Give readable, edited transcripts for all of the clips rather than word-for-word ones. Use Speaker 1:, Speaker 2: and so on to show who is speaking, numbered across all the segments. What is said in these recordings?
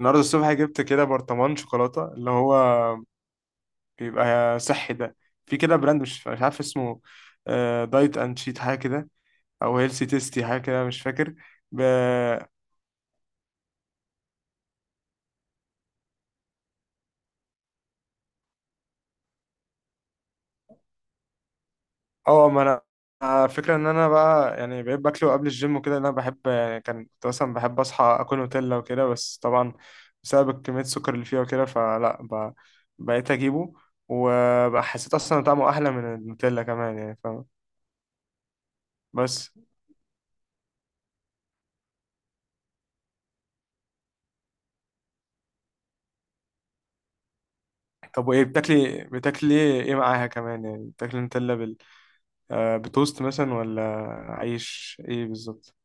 Speaker 1: النهارده الصبح جبت كده برطمان شوكولاته اللي هو بيبقى صحي ده. في كده براند مش عارف اسمه. دايت اند شيت حاجه كده، او هيلسي تيستي حاجه كده، مش فاكر. ب... اه، ما انا فكرة ان انا بقى يعني بقيت باكله قبل الجيم وكده، إن انا بحب يعني كنت مثلا بحب اصحى اكل نوتيلا وكده، بس طبعا بسبب كمية السكر اللي فيها وكده فلا. بقيت اجيبه، وبقى حسيت اصلا طعمه احلى من النوتيلا كمان، يعني فاهم؟ بس، طب وايه بتاكلي ايه معاها كمان؟ يعني بتاكلي نوتيلا بتوست مثلا، ولا عيش ايه بالظبط؟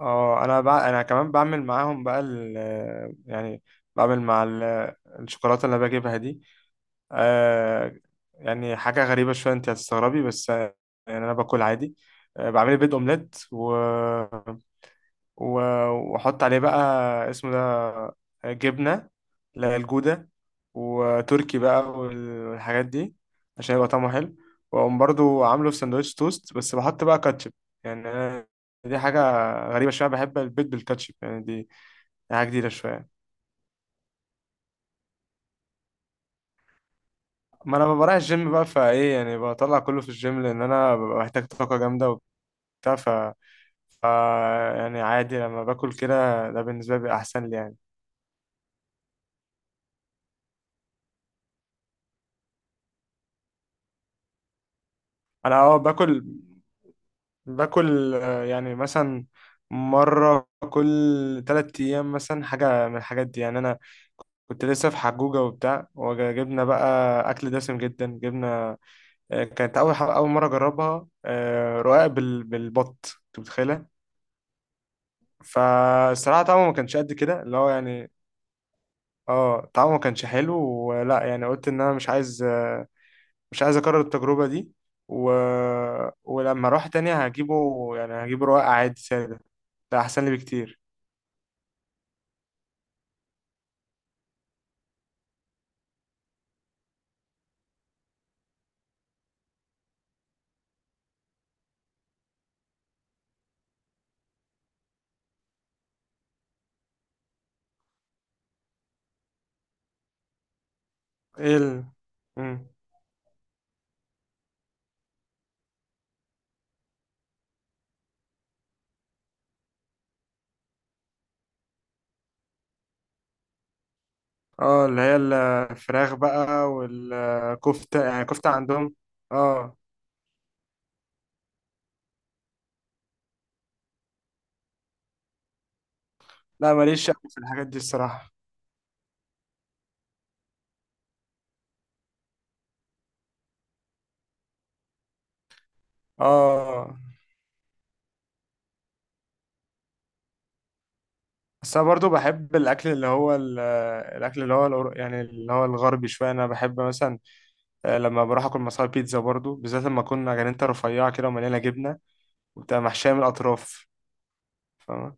Speaker 1: اه، انا انا كمان بعمل معاهم بقى يعني بعمل مع الشوكولاته اللي أنا بجيبها دي. آه يعني حاجه غريبه شويه، انت هتستغربي، بس يعني انا باكل عادي، بعمل بيض اومليت و- واحط عليه بقى، اسمه ده جبنة، اللي هي الجودة وتركي بقى والحاجات دي عشان يبقى طعمه حلو، واقوم برضو عامله في سندوتش توست، بس بحط بقى كاتشب. يعني أنا، دي حاجة غريبة شوية، بحب البيض بالكاتشب، يعني دي حاجة جديدة شوية. ما انا بروح الجيم بقى، فايه يعني بطلع كله في الجيم، لان انا ببقى محتاج طاقة جامدة وبتاع. ف يعني عادي لما باكل كده، ده بالنسبة لي بيبقى احسن لي يعني. انا، باكل يعني مثلا مرة كل تلات أيام مثلا حاجة من الحاجات دي. يعني أنا كنت لسه في حجوجة وبتاع، وجبنا بقى أكل دسم جدا. جبنا كانت أول أول مرة أجربها، رقاق بالبط، أنت متخيلة؟ فالصراحة طعمه ما كانش قد كده، اللي هو يعني اه، طعمه ما كانش حلو ولا يعني. قلت إن أنا مش عايز، مش عايز أكرر التجربة دي. و... ولما أروح تاني، هجيبه يعني، هجيبه رقاق عادي سادة، ده أحسن لي بكتير. ايه مم. اه، اللي هي الفراخ بقى والكفتة، يعني كفتة عندهم. اه، لا، ماليش أوي في الحاجات دي الصراحة. اه، بس انا برضو بحب الاكل اللي هو الاكل اللي هو يعني اللي هو الغربي شويه. انا بحب مثلا، لما بروح اكل مصاري، بيتزا برضو، بالذات لما اكون جرينتا رفيعه كده ومليانه جبنه، وبتبقى محشيه من الاطراف، فاهمة؟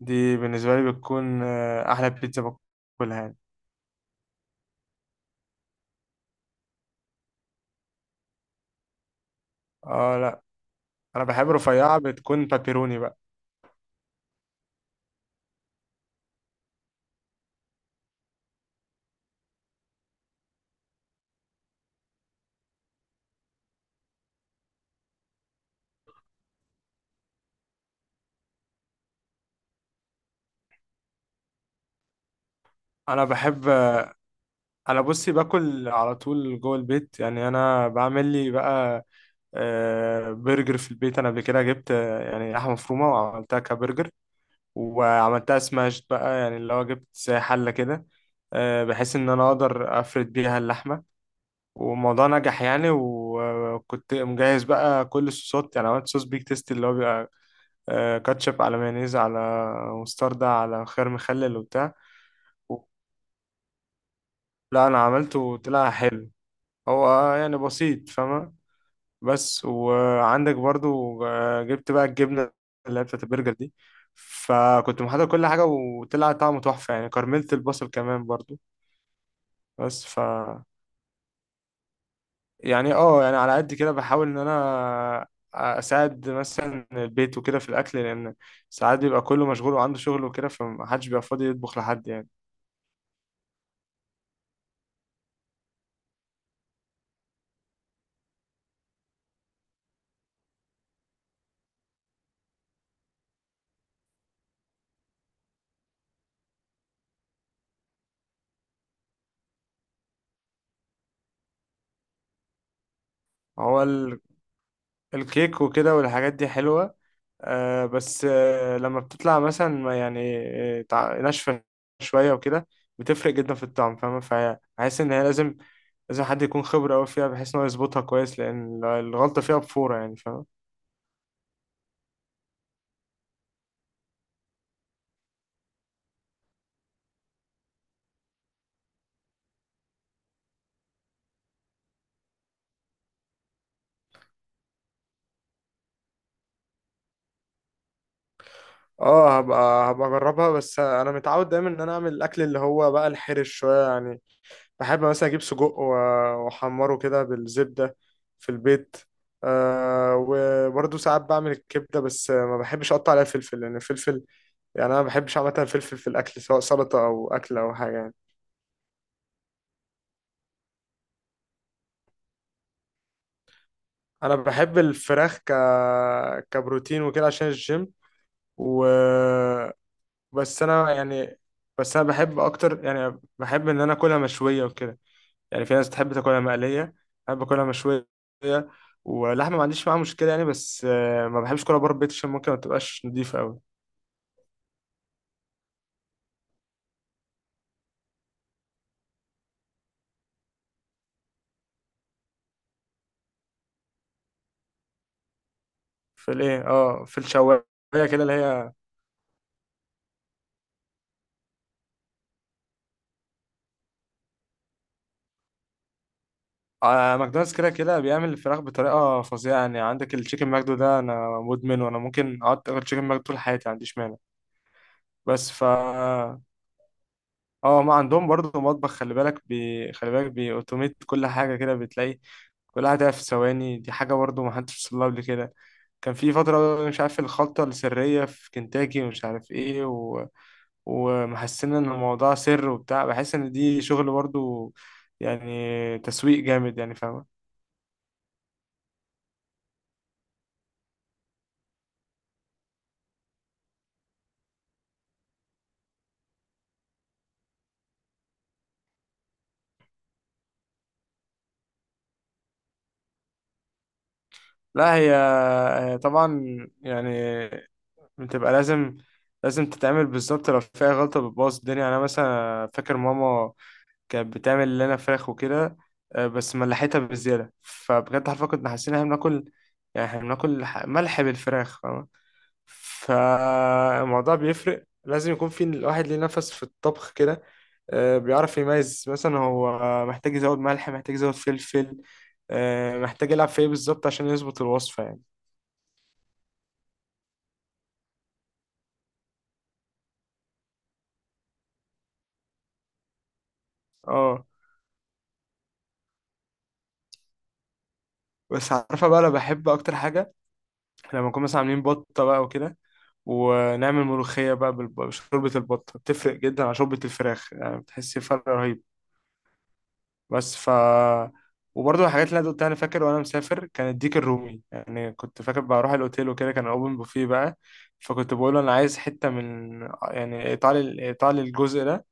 Speaker 1: دي بالنسبه لي بتكون احلى بيتزا باكلها يعني. اه لا، انا بحب رفيعه، بتكون بابيروني بقى. انا بحب، انا بصي باكل على طول جوه البيت. يعني انا بعمل لي بقى برجر في البيت. انا قبل كده جبت يعني لحمه مفرومه، وعملتها كبرجر وعملتها سماشت بقى، يعني اللي هو جبت زي حله كده، بحيث ان انا اقدر افرد بيها اللحمه، والموضوع نجح يعني. وكنت مجهز بقى كل الصوصات، يعني عملت صوص بيك تيستي، اللي هو بيبقى كاتشب على مايونيز على مستردة على خيار مخلل وبتاع. لا انا عملته وطلع حلو، هو يعني بسيط، فاهمة؟ بس وعندك برضو جبت بقى الجبنة اللي هي بتاعت البرجر دي، فكنت محضر كل حاجة وطلع طعمه تحفة يعني، كرملت البصل كمان برضو. بس يعني اه، يعني على قد كده بحاول ان انا اساعد مثلا البيت وكده في الاكل، لان ساعات بيبقى كله مشغول وعنده شغل وكده، فمحدش بيبقى فاضي يطبخ لحد يعني. هو الكيك وكده والحاجات دي حلوة، بس لما بتطلع مثلا ما يعني، ناشفة شوية وكده، بتفرق جدا في الطعم، فاهمة؟ فحاسس إن هي لازم، حد يكون خبرة أوي فيها بحيث إن هو يظبطها كويس، لأن الغلطة فيها بفورة يعني، فاهمة؟ اه، هبقى اجربها. بس انا متعود دايما ان انا اعمل الاكل اللي هو بقى الحرش شويه يعني. بحب مثلا اجيب سجق واحمره كده بالزبدة في البيت. أه، وبرضه ساعات بعمل الكبدة، بس ما بحبش اقطع عليها فلفل، لان الفلفل يعني انا ما بحبش عامة الفلفل في الاكل، سواء سلطة او اكل او حاجة يعني. انا بحب الفراخ كبروتين وكده عشان الجيم. و بس انا يعني، بس انا بحب اكتر، يعني بحب ان انا اكلها مشوية وكده. يعني في ناس تحب تاكلها مقلية، أنا باكلها مشوية. ولحمة ما عنديش معاها مشكلة يعني، بس ما بحبش أكلها بره البيت عشان ممكن ما تبقاش نضيفة أوي. في الإيه؟ اه في الشواية كده، اللي هي ماكدونالدز، كده كده بيعمل الفراخ بطريقة فظيعة يعني. عندك التشيكن ماكدو ده، أنا مدمن، وأنا ممكن أقعد آكل تشيكن ماكدو طول حياتي، ما عنديش مانع. بس اه، ما عندهم برضه مطبخ خلي بالك بيأوتوميت كل حاجة كده. بتلاقي كل حاجة تبقى في ثواني، دي حاجة برضه ما حدش وصل لها قبل كده. كان في فترة مش عارف الخلطة السرية في كنتاكي، ومش عارف ايه ومحسين ان الموضوع سر وبتاع. بحس ان دي شغل برضه يعني، تسويق جامد يعني، فاهمة؟ لا، هي طبعا يعني بتبقى لازم، تتعمل بالظبط. لو فيها غلطة بتبوظ الدنيا يعني. أنا مثلا فاكر ماما كانت بتعمل لنا فراخ وكده، بس ملحتها بالزيادة، فبجد حرفيا كنا حاسين إن إحنا بناكل، يعني إحنا بناكل ملح بالفراخ، فاهمة؟ فالموضوع بيفرق، لازم يكون في الواحد ليه نفس في الطبخ كده، بيعرف يميز مثلا هو محتاج يزود ملح، محتاج يزود فلفل، محتاج يلعب في ايه بالظبط عشان يظبط الوصفة يعني. اه، بس عارفة بقى أنا بحب أكتر حاجة لما نكون مثلا عاملين بطة بقى وكده، ونعمل ملوخية بقى بشوربة البطة، بتفرق جدا عن شوربة الفراخ يعني، بتحس فرق رهيب. بس وبرضه الحاجات اللي انا قلتها، انا فاكر وانا مسافر كان الديك الرومي، يعني كنت فاكر بروح الاوتيل وكده، كان اوبن بوفيه بقى، فكنت بقول له انا عايز حتة من يعني ايطالي، ايطالي الجزء ده.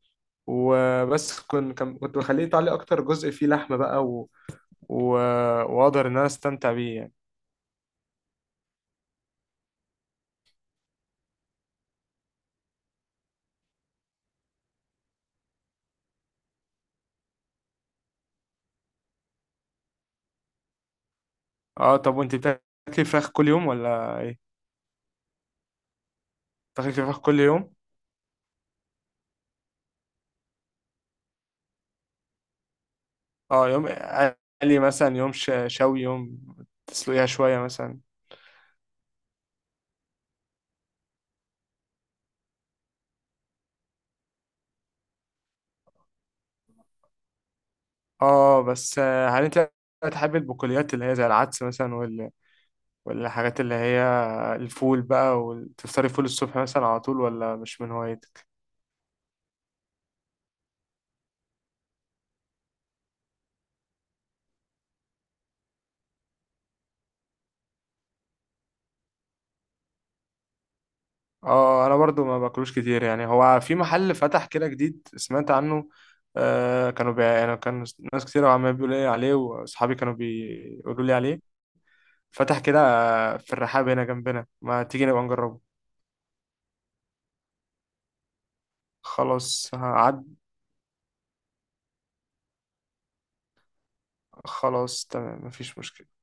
Speaker 1: وبس كنت بخليه ايطالي اكتر جزء فيه لحمة بقى و... واقدر ان انا استمتع بيه يعني. اه، طب وانت بتاكلي فراخ كل يوم ولا ايه؟ بتاكلي فراخ كل يوم؟ اه، يوم قلي مثلا، يوم شوي، يوم تسلقيها شوية مثلا. اه بس هل انت بتحب البقوليات اللي هي زي العدس مثلا والحاجات اللي هي الفول بقى، وتفطري فول الصبح مثلا على طول، ولا مش من هوايتك؟ اه، انا برضو ما باكلوش كتير يعني. هو في محل فتح كده جديد سمعت عنه، كانوا يعني كان ناس كتير عمال بيقولوا لي عليه، واصحابي كانوا بيقولوا لي عليه. فتح كده في الرحاب هنا جنبنا، ما تيجي نبقى نجربه؟ خلاص هعدي، خلاص تمام مفيش مشكلة.